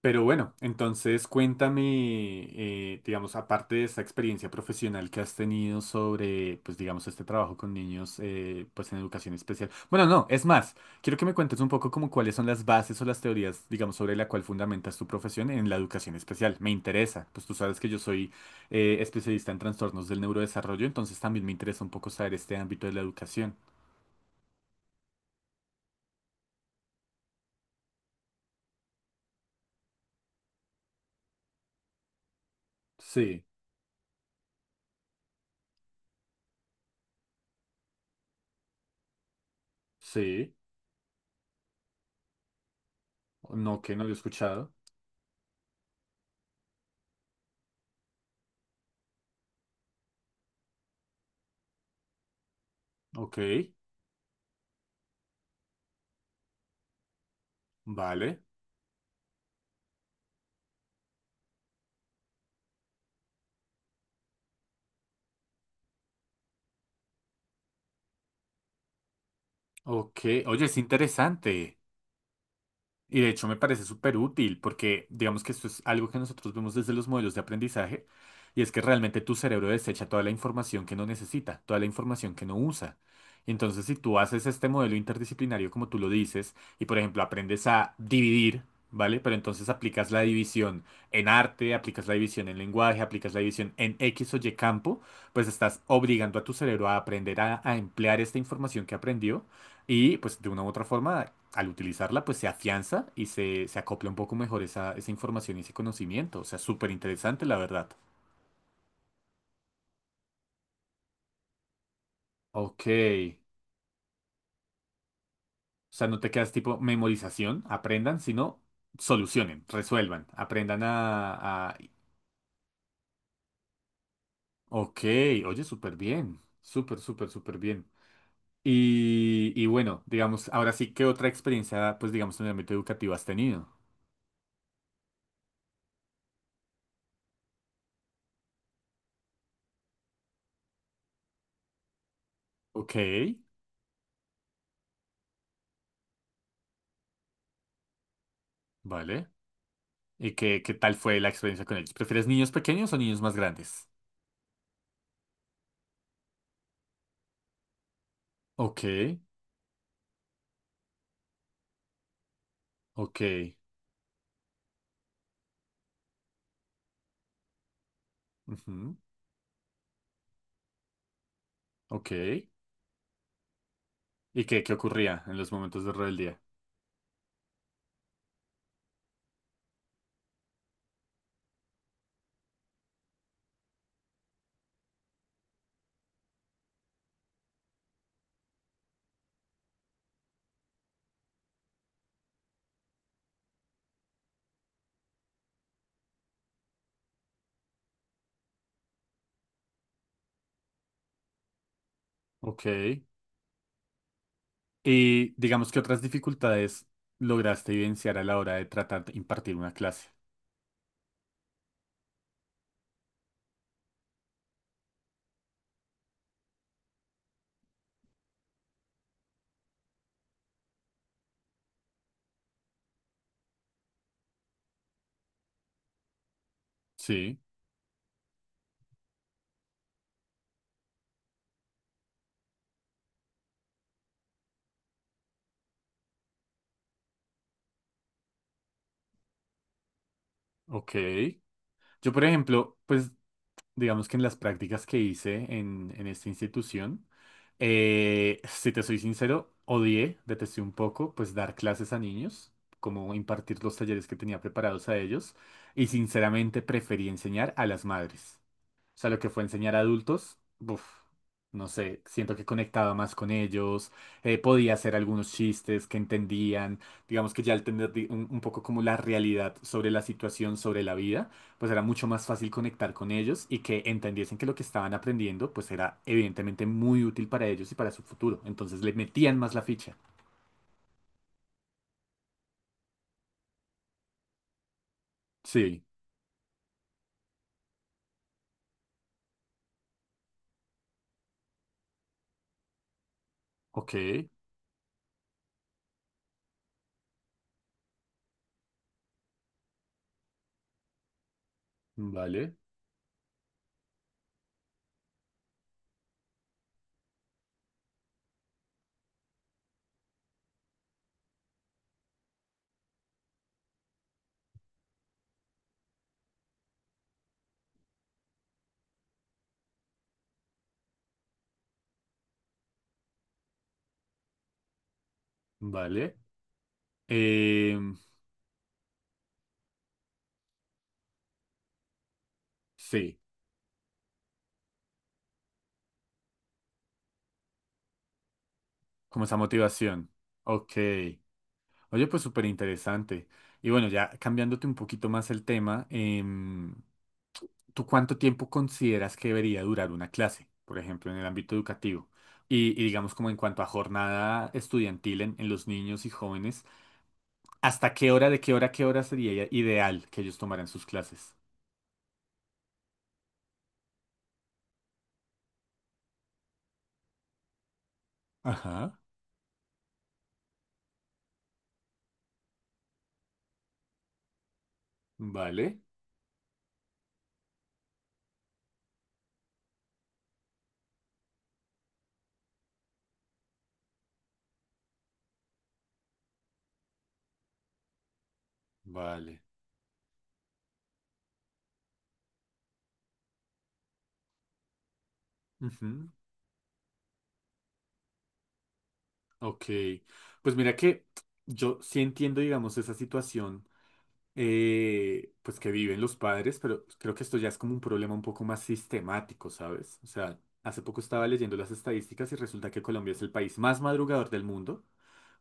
Pero bueno, entonces cuéntame, digamos, aparte de esa experiencia profesional que has tenido sobre, pues digamos, este trabajo con niños, pues en educación especial. Bueno, no, es más, quiero que me cuentes un poco como cuáles son las bases o las teorías, digamos, sobre la cual fundamentas tu profesión en la educación especial. Me interesa, pues tú sabes que yo soy especialista en trastornos del neurodesarrollo, entonces también me interesa un poco saber este ámbito de la educación. Sí, sí, no que no lo he escuchado. Ok, vale. Ok, oye, es interesante. Y de hecho me parece súper útil porque digamos que esto es algo que nosotros vemos desde los modelos de aprendizaje y es que realmente tu cerebro desecha toda la información que no necesita, toda la información que no usa. Entonces, si tú haces este modelo interdisciplinario como tú lo dices y por ejemplo aprendes a dividir, ¿vale? Pero entonces aplicas la división en arte, aplicas la división en lenguaje, aplicas la división en X o Y campo, pues estás obligando a tu cerebro a aprender a emplear esta información que aprendió y pues de una u otra forma, al utilizarla, pues se afianza y se acopla un poco mejor esa información y ese conocimiento. O sea, súper interesante, la verdad. Ok. O sea, no te quedas tipo memorización, aprendan, sino solucionen, resuelvan, aprendan a... Ok, oye, súper bien. Súper, súper, súper bien. Y bueno, digamos, ahora sí, ¿qué otra experiencia, pues digamos, en el ámbito educativo has tenido? Ok, vale. ¿Y qué, qué tal fue la experiencia con ellos? ¿Prefieres niños pequeños o niños más grandes? Ok, ok, ujú, ok. ¿Y qué, qué ocurría en los momentos de rebeldía? Ok. Y digamos que otras dificultades lograste evidenciar a la hora de tratar de impartir una clase. Sí, ok. Yo, por ejemplo, pues digamos que en las prácticas que hice en esta institución, si te soy sincero, odié, detesté un poco, pues dar clases a niños, como impartir los talleres que tenía preparados a ellos, y sinceramente preferí enseñar a las madres. O sea, lo que fue enseñar a adultos, uf, no sé, siento que conectaba más con ellos, podía hacer algunos chistes que entendían, digamos que ya al tener un poco como la realidad sobre la situación, sobre la vida, pues era mucho más fácil conectar con ellos y que entendiesen que lo que estaban aprendiendo, pues era evidentemente muy útil para ellos y para su futuro. Entonces le metían más la ficha. Sí, ok, vale, vale. Em, sí, como esa motivación. Ok. Oye, pues súper interesante. Y bueno, ya cambiándote un poquito más el tema, ¿tú cuánto tiempo consideras que debería durar una clase, por ejemplo, en el ámbito educativo? Y digamos como en cuanto a jornada estudiantil en los niños y jóvenes, ¿hasta qué hora, de qué hora, a qué hora sería ideal que ellos tomaran sus clases? Ajá, vale, vale. Ujú, ok, pues mira que yo sí entiendo, digamos, esa situación pues que viven los padres, pero creo que esto ya es como un problema un poco más sistemático, ¿sabes? O sea, hace poco estaba leyendo las estadísticas y resulta que Colombia es el país más madrugador del mundo,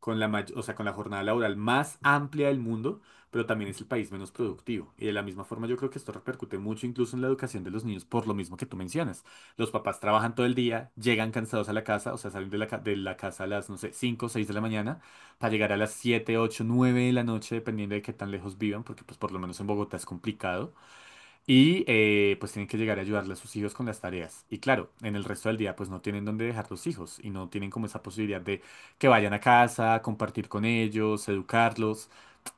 con la o sea, con la jornada laboral más amplia del mundo, pero también es el país menos productivo. Y de la misma forma yo creo que esto repercute mucho incluso en la educación de los niños por lo mismo que tú mencionas. Los papás trabajan todo el día, llegan cansados a la casa, o sea, salen de de la casa a las, no sé, 5 o 6 de la mañana para llegar a las 7, 8, 9 de la noche, dependiendo de qué tan lejos vivan, porque pues por lo menos en Bogotá es complicado. Y pues tienen que llegar a ayudarle a sus hijos con las tareas. Y claro, en el resto del día pues no tienen dónde dejar los hijos y no tienen como esa posibilidad de que vayan a casa, compartir con ellos, educarlos.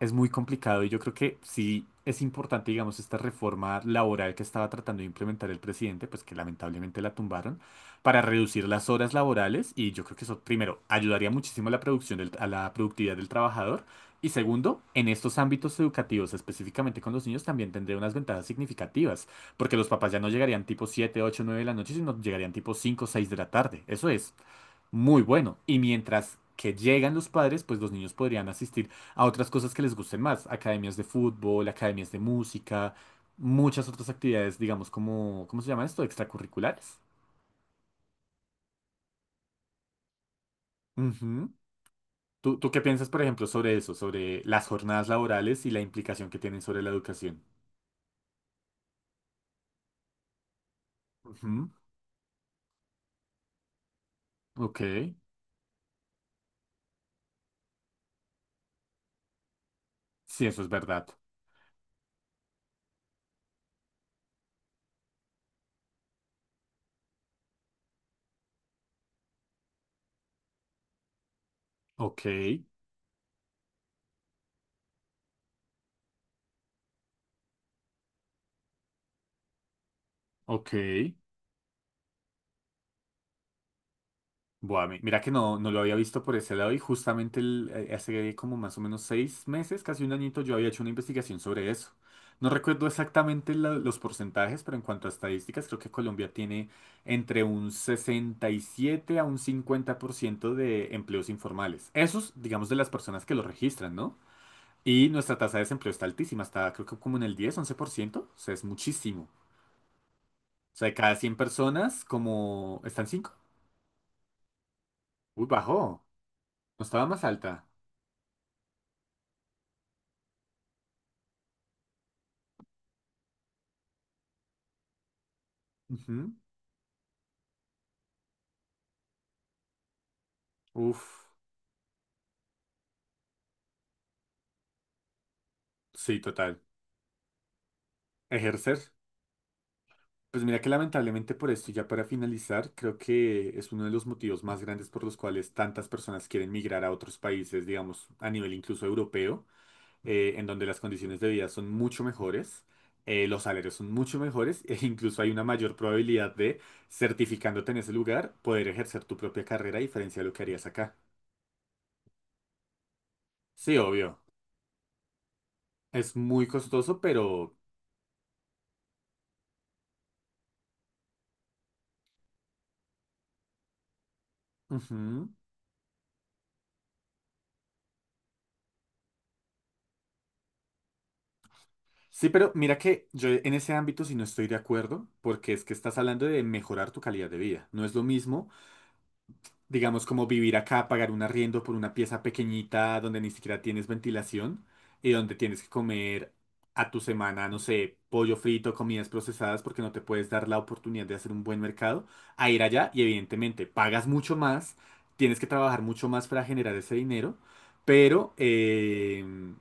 Es muy complicado y yo creo que sí es importante, digamos, esta reforma laboral que estaba tratando de implementar el presidente, pues que lamentablemente la tumbaron, para reducir las horas laborales y yo creo que eso, primero, ayudaría muchísimo a la a la productividad del trabajador y segundo, en estos ámbitos educativos, específicamente con los niños, también tendría unas ventajas significativas, porque los papás ya no llegarían tipo 7 8 9 de la noche, sino llegarían tipo 5 6 de la tarde. Eso es muy bueno. Y mientras que llegan los padres, pues los niños podrían asistir a otras cosas que les gusten más, academias de fútbol, academias de música, muchas otras actividades, digamos, como, ¿cómo se llama esto? Extracurriculares. Ujú. ¿Tú qué piensas, por ejemplo, sobre eso, sobre las jornadas laborales y la implicación que tienen sobre la educación? Ujú. Ok. Sí, eso es verdad. Ok. Ok. Buah, mira que no, no lo había visto por ese lado y justamente hace como más o menos 6 meses, casi un añito, yo había hecho una investigación sobre eso. No recuerdo exactamente los porcentajes, pero en cuanto a estadísticas, creo que Colombia tiene entre un 67 a un 50% de empleos informales. Esos, digamos, de las personas que los registran, ¿no? Y nuestra tasa de desempleo está altísima, está creo que como en el 10, 11%, o sea, es muchísimo. O sea, de cada 100 personas, como... ¿Están 5 Uy, bajó. No estaba más alta. Ujú. Uf, sí, total. Ejercer. Pues mira que lamentablemente por esto, y ya para finalizar, creo que es uno de los motivos más grandes por los cuales tantas personas quieren migrar a otros países, digamos, a nivel incluso europeo, en donde las condiciones de vida son mucho mejores, los salarios son mucho mejores, e incluso hay una mayor probabilidad de, certificándote en ese lugar, poder ejercer tu propia carrera a diferencia de lo que harías acá. Sí, obvio. Es muy costoso, pero... ujú. Sí, pero mira que yo en ese ámbito sí no estoy de acuerdo, porque es que estás hablando de mejorar tu calidad de vida. No es lo mismo, digamos, como vivir acá, pagar un arriendo por una pieza pequeñita donde ni siquiera tienes ventilación y donde tienes que comer a tu semana, no sé, pollo frito, comidas procesadas, porque no te puedes dar la oportunidad de hacer un buen mercado, a ir allá y evidentemente pagas mucho más, tienes que trabajar mucho más para generar ese dinero, pero...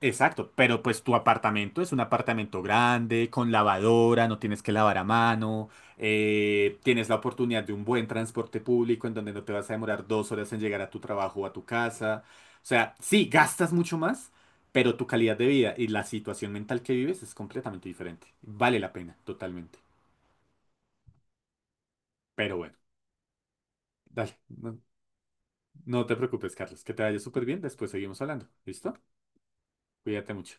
exacto, pero pues tu apartamento es un apartamento grande, con lavadora, no tienes que lavar a mano, tienes la oportunidad de un buen transporte público en donde no te vas a demorar 2 horas en llegar a tu trabajo o a tu casa. O sea, sí, gastas mucho más, pero tu calidad de vida y la situación mental que vives es completamente diferente. Vale la pena, totalmente. Pero bueno, dale, no, no te preocupes, Carlos, que te vaya súper bien, después seguimos hablando. ¿Listo? Cuídate mucho.